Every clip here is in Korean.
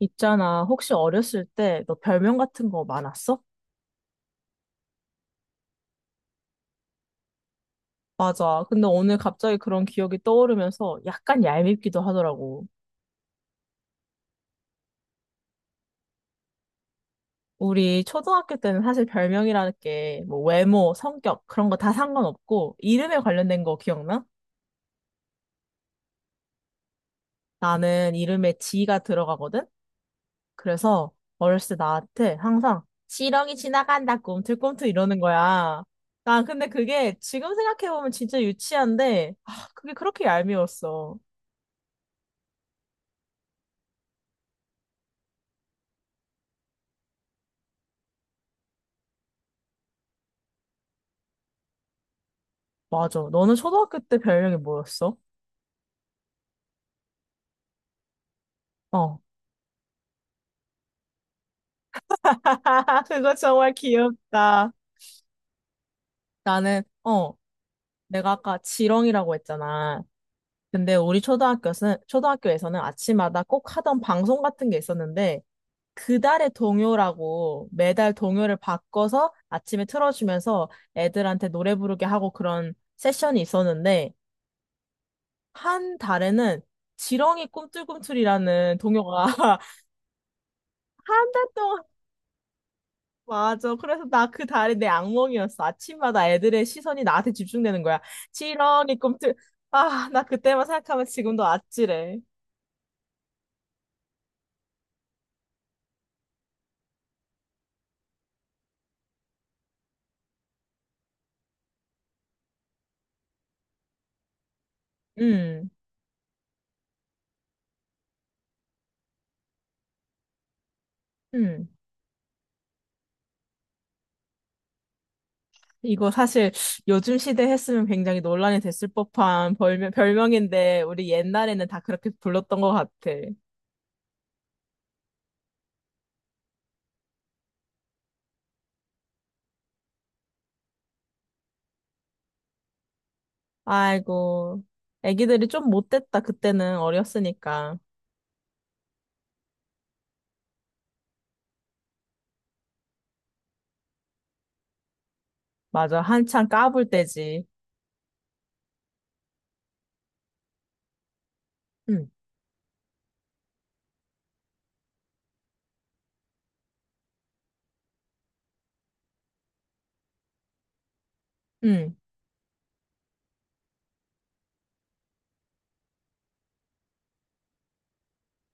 있잖아, 혹시 어렸을 때 너 별명 같은 거 많았어? 맞아. 근데 오늘 갑자기 그런 기억이 떠오르면서 약간 얄밉기도 하더라고. 우리 초등학교 때는 사실 별명이라는 게 뭐 외모, 성격 그런 거 다 상관없고 이름에 관련된 거 기억나? 나는 이름에 지가 들어가거든? 그래서 어렸을 때 나한테 항상 지렁이 지나간다 꿈틀꿈틀 이러는 거야. 나 근데 그게 지금 생각해보면 진짜 유치한데 아, 그게 그렇게 얄미웠어. 맞아. 너는 초등학교 때 별명이 뭐였어? 어. 그거 정말 귀엽다. 나는, 내가 아까 지렁이라고 했잖아. 근데 우리 초등학교는, 초등학교에서는 아침마다 꼭 하던 방송 같은 게 있었는데, 그달의 동요라고 매달 동요를 바꿔서 아침에 틀어주면서 애들한테 노래 부르게 하고 그런 세션이 있었는데, 한 달에는 지렁이 꿈틀꿈틀이라는 동요가 한 달 동안 맞아. 그래서 나 그 달이 내 악몽이었어. 아침마다 애들의 시선이 나한테 집중되는 거야. 지렁이 꿈틀. 아, 나 그때만 생각하면 지금도 아찔해. 음, 음. 이거 사실 요즘 시대 했으면 굉장히 논란이 됐을 법한 별명인데 우리 옛날에는 다 그렇게 불렀던 것 같아. 아이고. 애기들이 좀 못됐다. 그때는 어렸으니까. 맞아. 한창 까불 때지. 음, 음.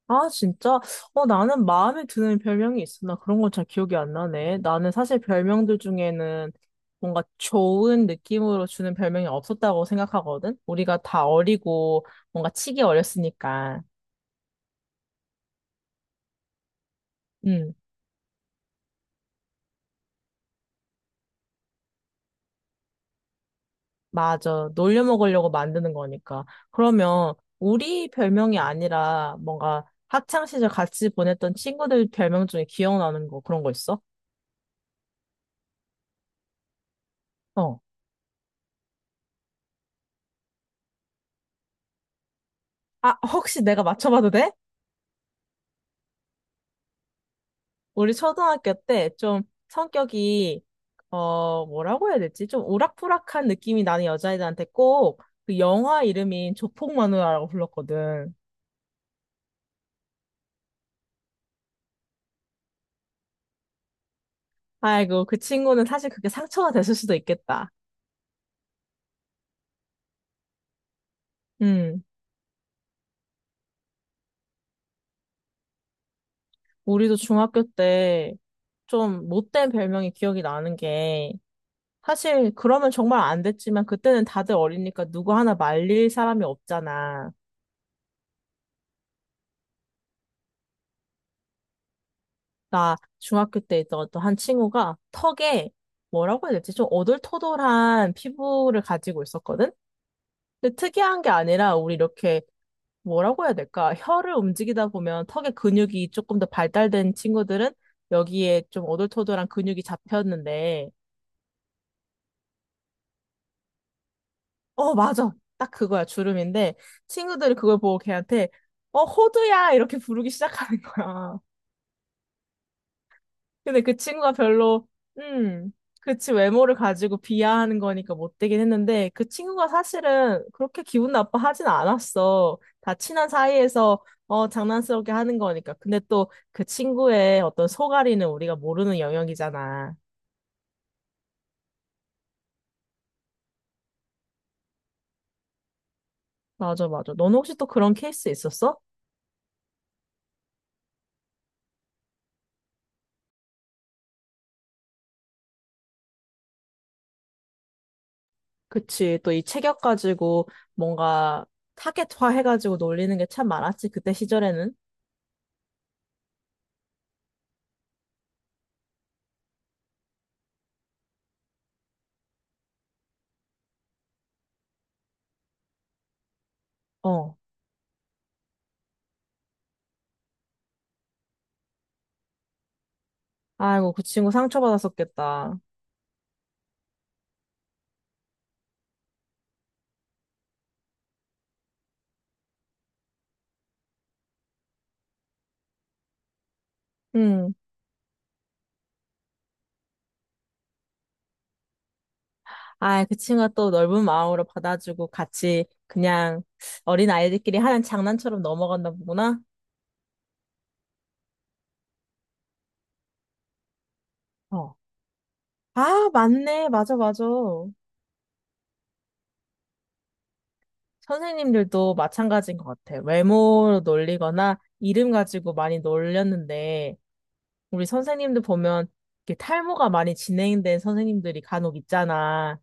아, 진짜? 나는 마음에 드는 별명이 있어. 나 그런 건 잘 기억이 안 나네. 나는 사실 별명들 중에는 뭔가 좋은 느낌으로 주는 별명이 없었다고 생각하거든? 우리가 다 어리고 뭔가 치기 어렸으니까. 응, 맞아. 놀려 먹으려고 만드는 거니까. 그러면 우리 별명이 아니라 뭔가 학창 시절 같이 보냈던 친구들 별명 중에 기억나는 거 그런 거 있어? 어. 아, 혹시 내가 맞춰봐도 돼? 우리 초등학교 때 좀 성격이 뭐라고 해야 될지 좀 오락부락한 느낌이 나는 여자애들한테 꼭 그 영화 이름인 조폭마누라라고 불렀거든. 아이고 그 친구는 사실 그게 상처가 됐을 수도 있겠다. 음 우리도 중학교 때 좀 못된 별명이 기억이 나는 게 사실 그러면 정말 안 됐지만 그때는 다들 어리니까 누구 하나 말릴 사람이 없잖아. 나 중학교 때 있던 어떤 한 친구가 턱에 뭐라고 해야 될지 좀 어들토돌한 피부를 가지고 있었거든? 근데 특이한 게 아니라 우리 이렇게 뭐라고 해야 될까? 혀를 움직이다 보면 턱의 근육이 조금 더 발달된 친구들은 여기에 좀 어들토돌한 근육이 잡혔는데, 어, 맞아. 딱 그거야. 주름인데, 친구들이 그걸 보고 걔한테, 어, 호두야! 이렇게 부르기 시작하는 거야. 근데 그 친구가 별로, 음, 그치, 외모를 가지고 비하하는 거니까 못되긴 했는데, 그 친구가 사실은 그렇게 기분 나빠 하진 않았어. 다 친한 사이에서, 장난스럽게 하는 거니까. 근데 또 그 친구의 어떤 속앓이는 우리가 모르는 영역이잖아. 맞아, 맞아. 넌 혹시 또 그런 케이스 있었어? 그치, 또 이 체격 가지고 뭔가 타겟화 해가지고 놀리는 게 참 많았지, 그때 시절에는. 어. 아이고, 그 친구 상처받았었겠다. 음. 아, 그 친구가 또 넓은 마음으로 받아주고 같이 그냥 어린 아이들끼리 하는 장난처럼 넘어간다 보구나. 어. 아, 맞네. 맞아, 맞아. 선생님들도 마찬가지인 것 같아. 외모로 놀리거나 이름 가지고 많이 놀렸는데, 우리 선생님들 보면 이렇게 탈모가 많이 진행된 선생님들이 간혹 있잖아.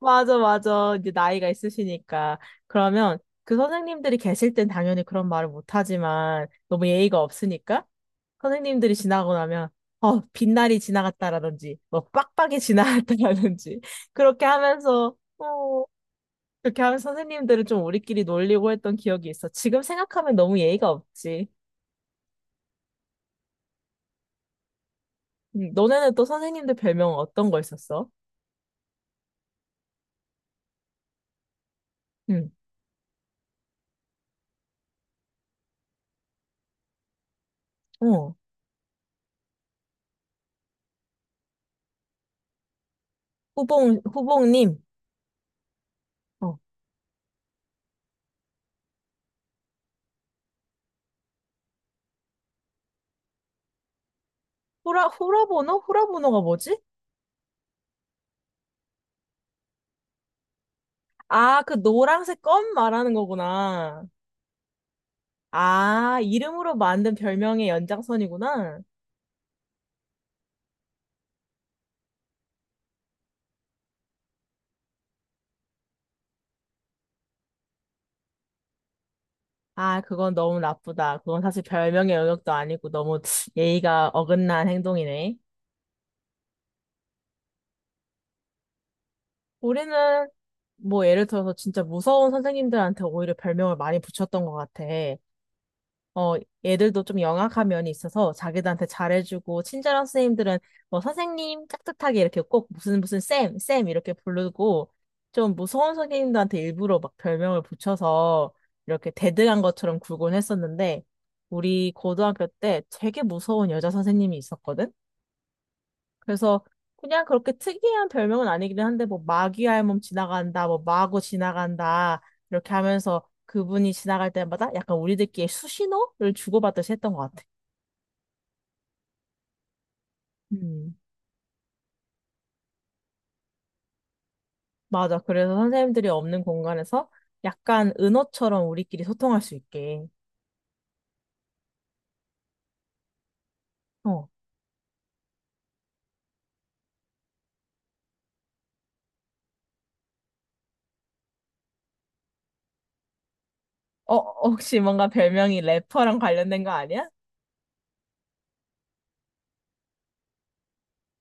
맞아, 맞아. 이제 나이가 있으시니까. 그러면 그 선생님들이 계실 땐 당연히 그런 말을 못하지만 너무 예의가 없으니까 선생님들이 지나고 나면 빛날이 지나갔다라든지 뭐 빡빡이 지나갔다라든지 그렇게 하면서 어, 그렇게 하면서 선생님들은 좀 우리끼리 놀리고 했던 기억이 있어. 지금 생각하면 너무 예의가 없지. 너네는 또 선생님들 별명 어떤 거 있었어? 응, 어, 후봉님. 어, 후라보노? 후라보노가 뭐지? 아, 그 노란색 껌 말하는 거구나. 아, 이름으로 만든 별명의 연장선이구나. 아, 그건 너무 나쁘다. 그건 사실 별명의 영역도 아니고 너무 예의가 어긋난 행동이네. 우리는 뭐 예를 들어서 진짜 무서운 선생님들한테 오히려 별명을 많이 붙였던 것 같아. 어, 애들도 좀 영악한 면이 있어서 자기들한테 잘해주고, 친절한 선생님들은 뭐 선생님 깍듯하게 이렇게 꼭 무슨 무슨 쌤, 쌤 이렇게 부르고, 좀 무서운 선생님들한테 일부러 막 별명을 붙여서 이렇게 대등한 것처럼 굴곤 했었는데, 우리 고등학교 때 되게 무서운 여자 선생님이 있었거든? 그래서 그냥 그렇게 특이한 별명은 아니긴 한데 뭐 마귀 할멈 지나간다, 뭐 마고 지나간다 이렇게 하면서 그분이 지나갈 때마다 약간 우리들끼리 수신호를 주고받듯이 했던 것 같아. 음, 맞아. 그래서 선생님들이 없는 공간에서 약간 은어처럼 우리끼리 소통할 수 있게. 어, 어, 혹시 뭔가 별명이 래퍼랑 관련된 거 아니야?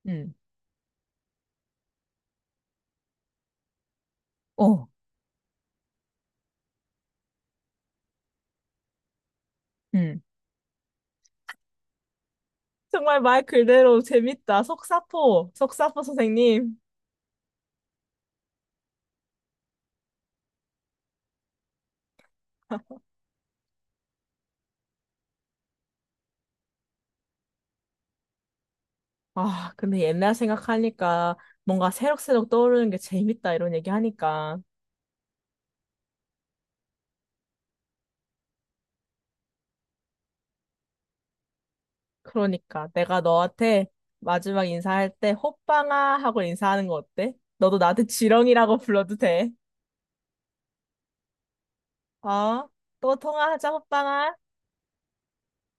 응. 어, 응. 정말 말 그대로 재밌다. 속사포, 속사포 선생님. 아, 근데 옛날 생각하니까 뭔가 새록새록 떠오르는 게 재밌다 이런 얘기 하니까. 그러니까 내가 너한테 마지막 인사할 때 호빵아 하고 인사하는 거 어때? 너도 나한테 지렁이라고 불러도 돼. 어? 또 통화하자, 호빵아.